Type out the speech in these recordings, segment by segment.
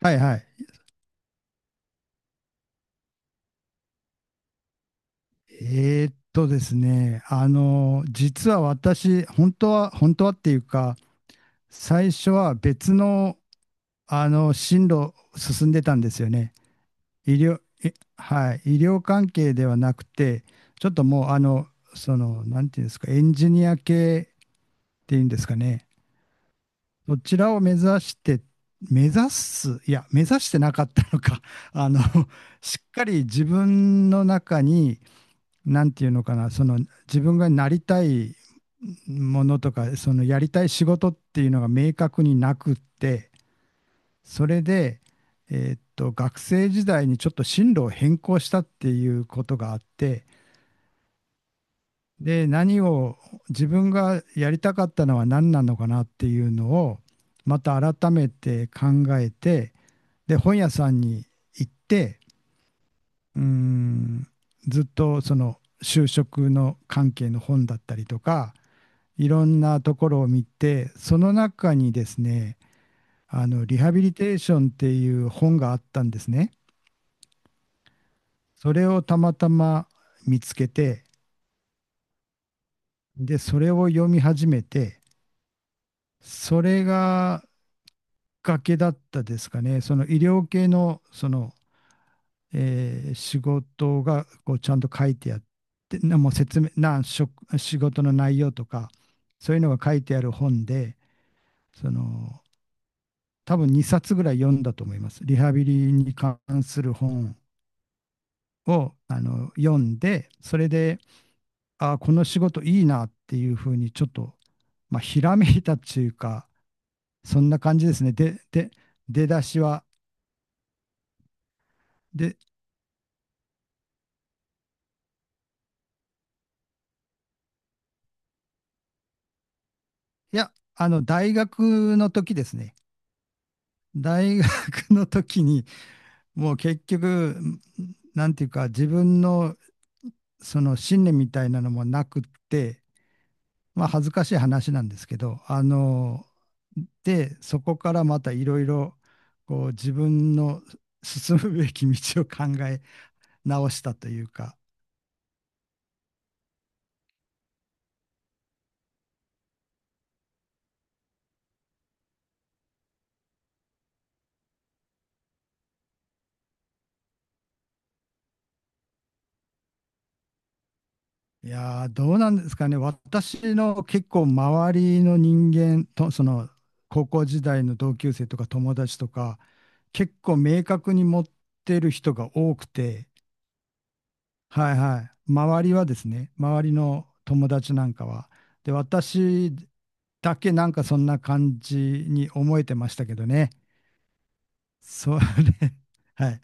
はいはい。ですね、あの、実は私、本当は、本当はっていうか、最初は別の、進路を進んでたんですよね。医療、はい、医療関係ではなくて、ちょっともう、あの、その、なんていうんですか、エンジニア系っていうんですかね、そちらを目指して、目指す、いや、目指してなかったのか、あの、しっかり自分の中に、なんていうのかな、その自分がなりたいものとか、そのやりたい仕事っていうのが明確になくって、それで、学生時代にちょっと進路を変更したっていうことがあって、で、何を、自分がやりたかったのは何なのかなっていうのを、また改めて考えて、で、本屋さんに行って、うーん、ずっとその就職の関係の本だったりとか、いろんなところを見て、その中にですね、リハビリテーションっていう本があったんですね。それをたまたま見つけて、で、それを読み始めて、それが崖だったですかね。その医療系の、その、仕事がこうちゃんと書いてあって、なもう説明、な、職仕事の内容とか、そういうのが書いてある本で、その、多分2冊ぐらい読んだと思います。リハビリに関する本を読んで、それで、ああ、この仕事いいなっていうふうにちょっと、まあ、ひらめいたっていうか、そんな感じですね。で、出だしは。で、いや、大学の時ですね。大学の時に、もう結局、なんていうか、自分のその信念みたいなのもなくって、まあ恥ずかしい話なんですけど、そこからまたいろいろ、こう自分の進むべき道を考え直したというか、いやーどうなんですかね。私の結構周りの人間と、その高校時代の同級生とか友達とか、結構明確に持ってる人が多くて、はいはい。周りはですね、周りの友達なんかは。で、私だけなんかそんな感じに思えてましたけどね。それ、はい。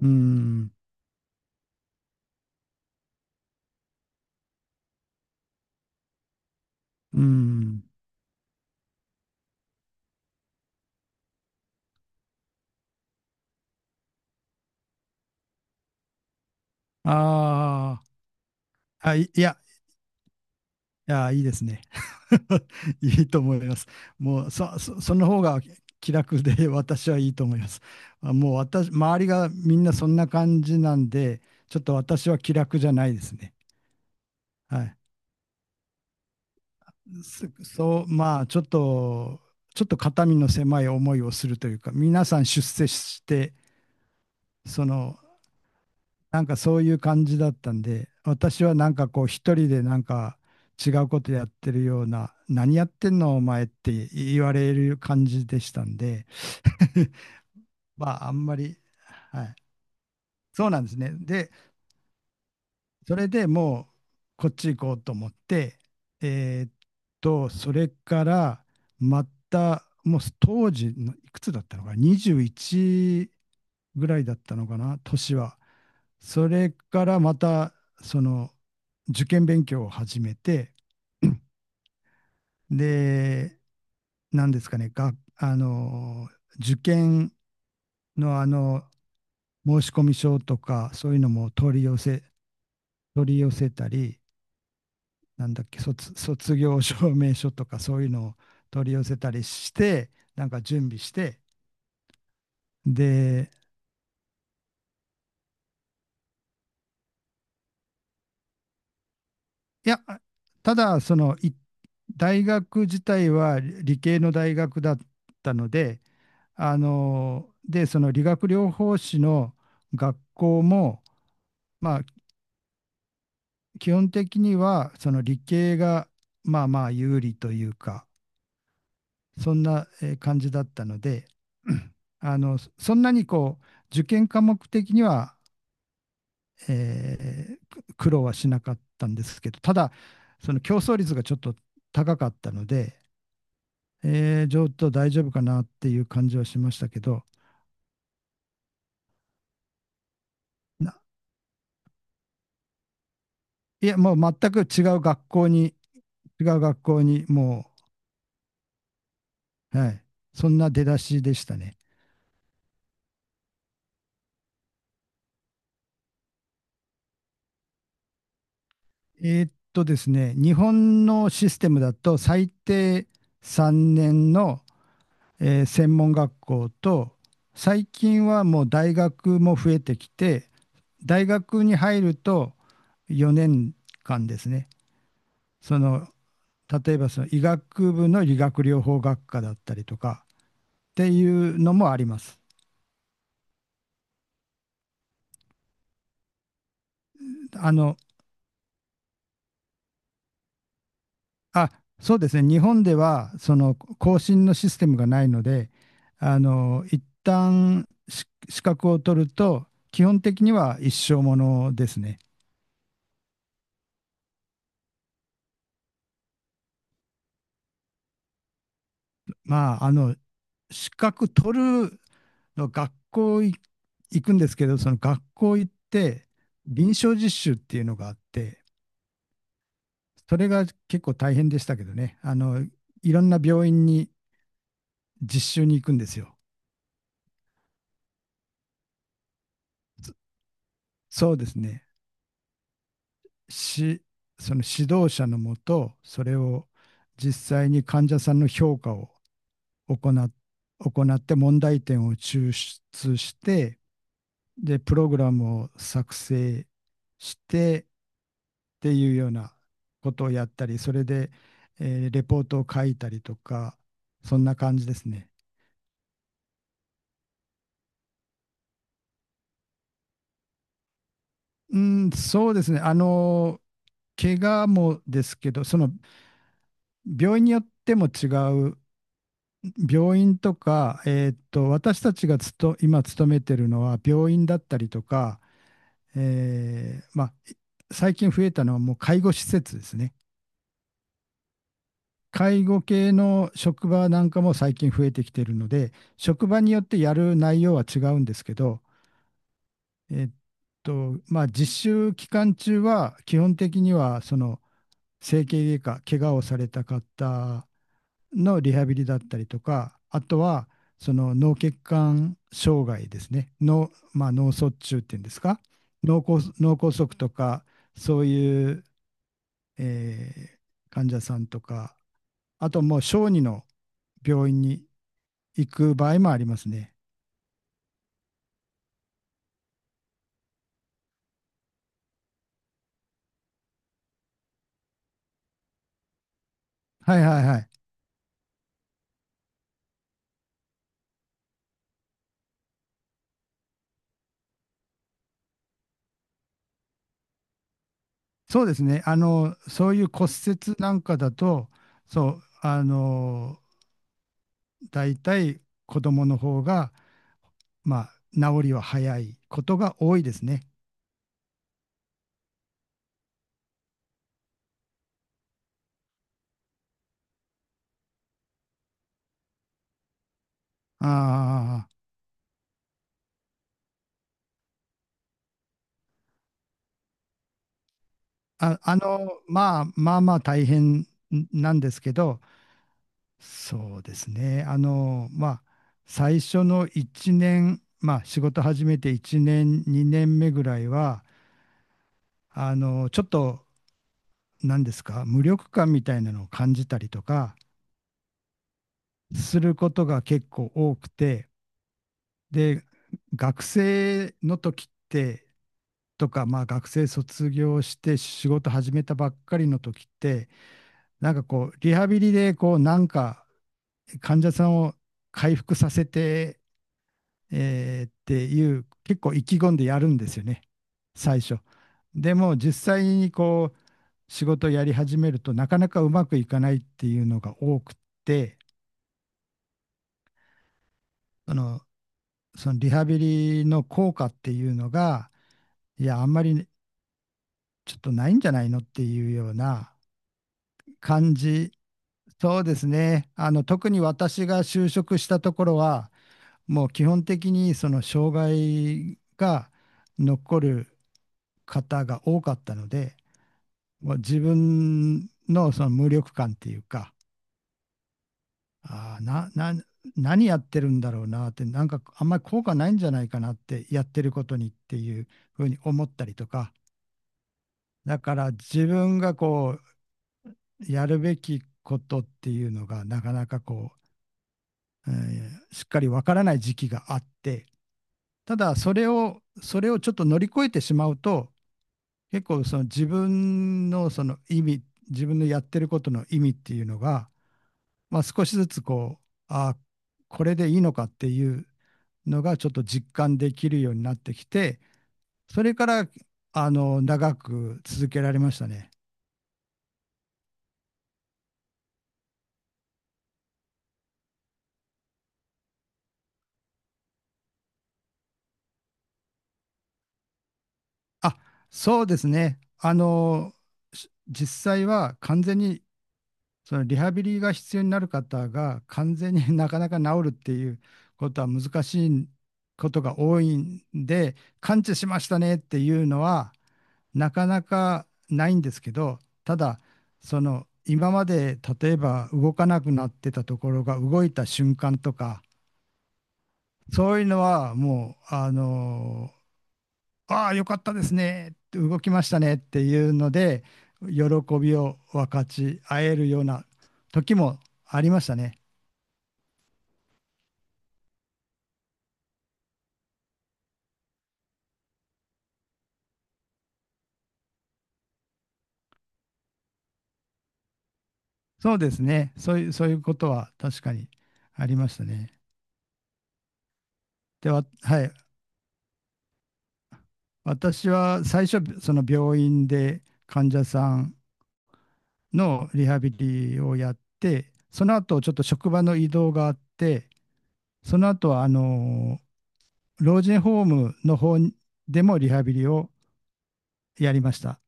うん、うん。あーあ、いいや、いや、いいですね。いいと思います。もう、その方が気楽で 私はいいと思います。あもう私、周りがみんなそんな感じなんで、ちょっと私は気楽じゃないですね。はい。そう、まあ、ちょっと肩身の狭い思いをするというか、皆さん出世して、その、なんかそういう感じだったんで、私はなんかこう、一人でなんか違うことやってるような、何やってんのお前って言われる感じでしたんで、まあ、あんまり、はい。そうなんですね。で、それでもう、こっち行こうと思って、えーっそれから、また、もう当時の、いくつだったのかな、21ぐらいだったのかな、年は。それからまた、その、受験勉強を始めて、で、何ですかね、が、あの、受験の申込書とか、そういうのも取り寄せたり、なんだっけ、卒業証明書とかそういうのを取り寄せたりして、なんか準備して、で、いや、ただ、大学自体は理系の大学だったので、で、その理学療法士の学校も、まあ、基本的には、その理系が、まあまあ有利というか、そんな感じだったので、あの、そんなにこう、受験科目的にはえー苦労はしなかったんですけど、ただ、その競争率がちょっと高かったので、ちょっと大丈夫かなっていう感じはしましたけど、いや、もう全く違う学校に、違う学校に、もう、はい、そんな出だしでしたね。ですね、日本のシステムだと、最低3年の、専門学校と、最近はもう大学も増えてきて、大学に入ると4年間ですね、その例えばその医学部の理学療法学科だったりとかっていうのもあります。あの、あ、そうですね、日本ではその更新のシステムがないので、あの、一旦資格を取ると、基本的には一生ものですね。まあ、資格取るの学校い行くんですけど、その学校行って、臨床実習っていうのがあって、それが結構大変でしたけどね、あの、いろんな病院に実習に行くんですよ。そそうですね。し、その指導者のもと、それを実際に患者さんの評価を行っ、行って問題点を抽出して、で、プログラムを作成して、っていうようなことをやったり、それで、レポートを書いたりとか、そんな感じですね。うん、そうですね。怪我もですけど、その病院によっても違う、病院とか、私たちが今勤めてるのは病院だったりとか、まあ、最近増えたのはもう介護施設ですね。介護系の職場なんかも最近増えてきてるので、職場によってやる内容は違うんですけど、えっまあ、実習期間中は基本的には、その整形外科、怪我をされた方のリハビリだったりとか、あとは、その脳血管障害ですね、脳、まあ、脳卒中っていうんですか、脳梗塞とか、そういう、えー患者さんとか、あともう小児の病院に行く場合もありますね。はいはいはい。そうですね。そういう骨折なんかだと、そう、あの、大体子供の方が、まあ、治りは早いことが多いですね。あーあの、まあ大変なんですけど、そうですね。まあ、最初の1年、まあ、仕事始めて1年、2年目ぐらいは、ちょっと何ですか、無力感みたいなのを感じたりとかすることが結構多くて、で、学生の時って、とか、まあ学生卒業して仕事始めたばっかりの時って、なんかこう、リハビリでこう、なんか患者さんを回復させてっていう、結構意気込んでやるんですよね、最初。でも実際にこう、仕事をやり始めるとなかなかうまくいかないっていうのが多くって、その、そのリハビリの効果っていうのが、いや、あんまりちょっとないんじゃないのっていうような感じ。そうですね。あの、特に私が就職したところは、もう基本的にその障害が残る方が多かったので、もう自分のその無力感っていうか、あな、な、何やってるんだろうなって、なんかあんまり効果ないんじゃないかなって、やってることにっていうふうに思ったりとか、だから自分がこう、やるべきことっていうのが、なかなかこう、しっかりわからない時期があって、ただそれをちょっと乗り越えてしまうと、結構その自分のその意味、自分のやってることの意味っていうのが、まあ、少しずつこう、あ、これでいいのかっていうのがちょっと実感できるようになってきて、それから、あの、長く続けられましたね。あ、そうですね。あの、実際は完全に、そのリハビリが必要になる方が完全に なかなか治るっていうことは難しいことが多いんで、完治しましたねっていうのは、なかなかないんですけど、ただ、その今まで例えば動かなくなってたところが動いた瞬間とか、そういうのはもう、あのああ、よかったですね、動きましたねっていうので、喜びを分かち合えるような時もありましたね。そうですね。そういうことは確かにありましたね。では、はい。私は最初、その病院で患者さんのリハビリをやって、その後ちょっと職場の移動があって、その後はあの老人ホームの方でもリハビリをやりました。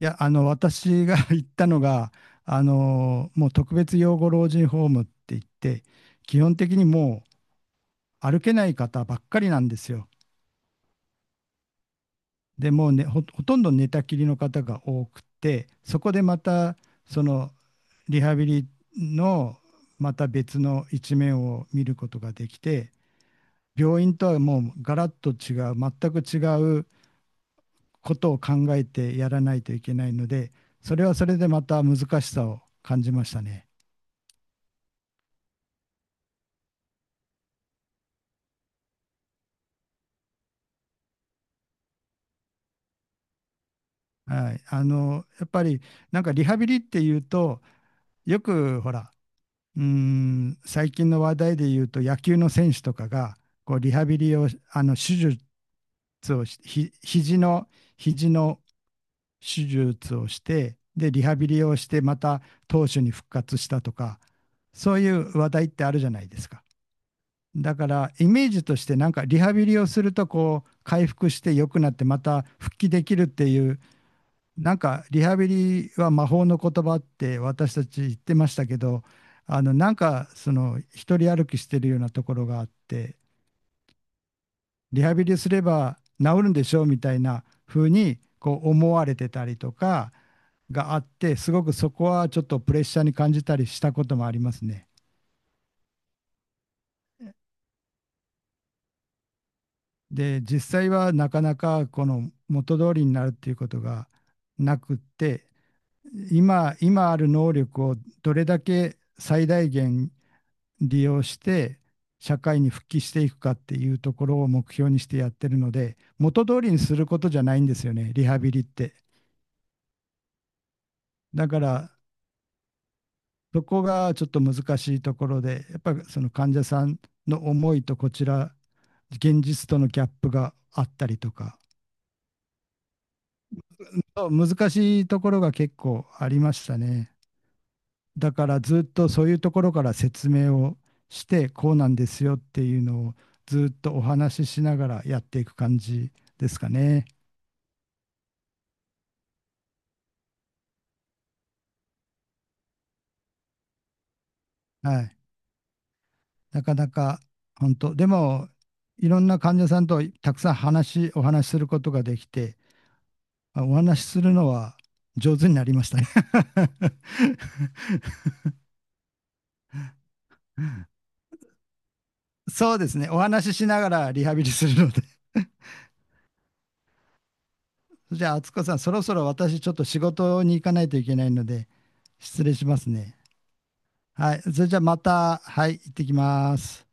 いや、あの私が 行ったのが、あのもう特別養護老人ホームって言って、基本的にもう歩けない方ばっかりなんですよ。でもうね、ほとんど寝たきりの方が多くて、そこでまたそのリハビリのまた別の一面を見ることができて、病院とはもうガラッと違う、全く違うことを考えてやらないといけないので、それはそれでまた難しさを感じましたね。はい、あのやっぱりなんかリハビリっていうとよくほら、最近の話題で言うと野球の選手とかがこうリハビリをあの手術を肘の手術をして、で、リハビリをしてまた投手に復活したとか、そういう話題ってあるじゃないですか。だからイメージとしてなんかリハビリをするとこう回復して良くなってまた復帰できるっていう、なんかリハビリは魔法の言葉って私たち言ってましたけど、あのなんかその一人歩きしてるようなところがあって、リハビリすれば治るんでしょうみたいな風にこう思われてたりとかがあって、すごくそこはちょっとプレッシャーに感じたりしたこともありますね。で実際はなかなかこの元通りになるっていうことがなくって、今ある能力をどれだけ最大限利用して社会に復帰していくかっていうところを目標にしてやってるので、元通りにすることじゃないんですよね、リハビリって。だからそこがちょっと難しいところで、やっぱりその患者さんの思いとこちら、現実とのギャップがあったりとか、難しいところが結構ありましたね。だからずっとそういうところから説明をして、こうなんですよっていうのをずっとお話ししながらやっていく感じですかね。はい。なかなか本当、でもいろんな患者さんとたくさん話、お話しすることができて、あお話しするのは上手になりましたね。そうですね。お話ししながらリハビリするので。じゃあ、敦子さん、そろそろ私ちょっと仕事に行かないといけないので、失礼しますね。はい。それじゃあまた、はい、行ってきます。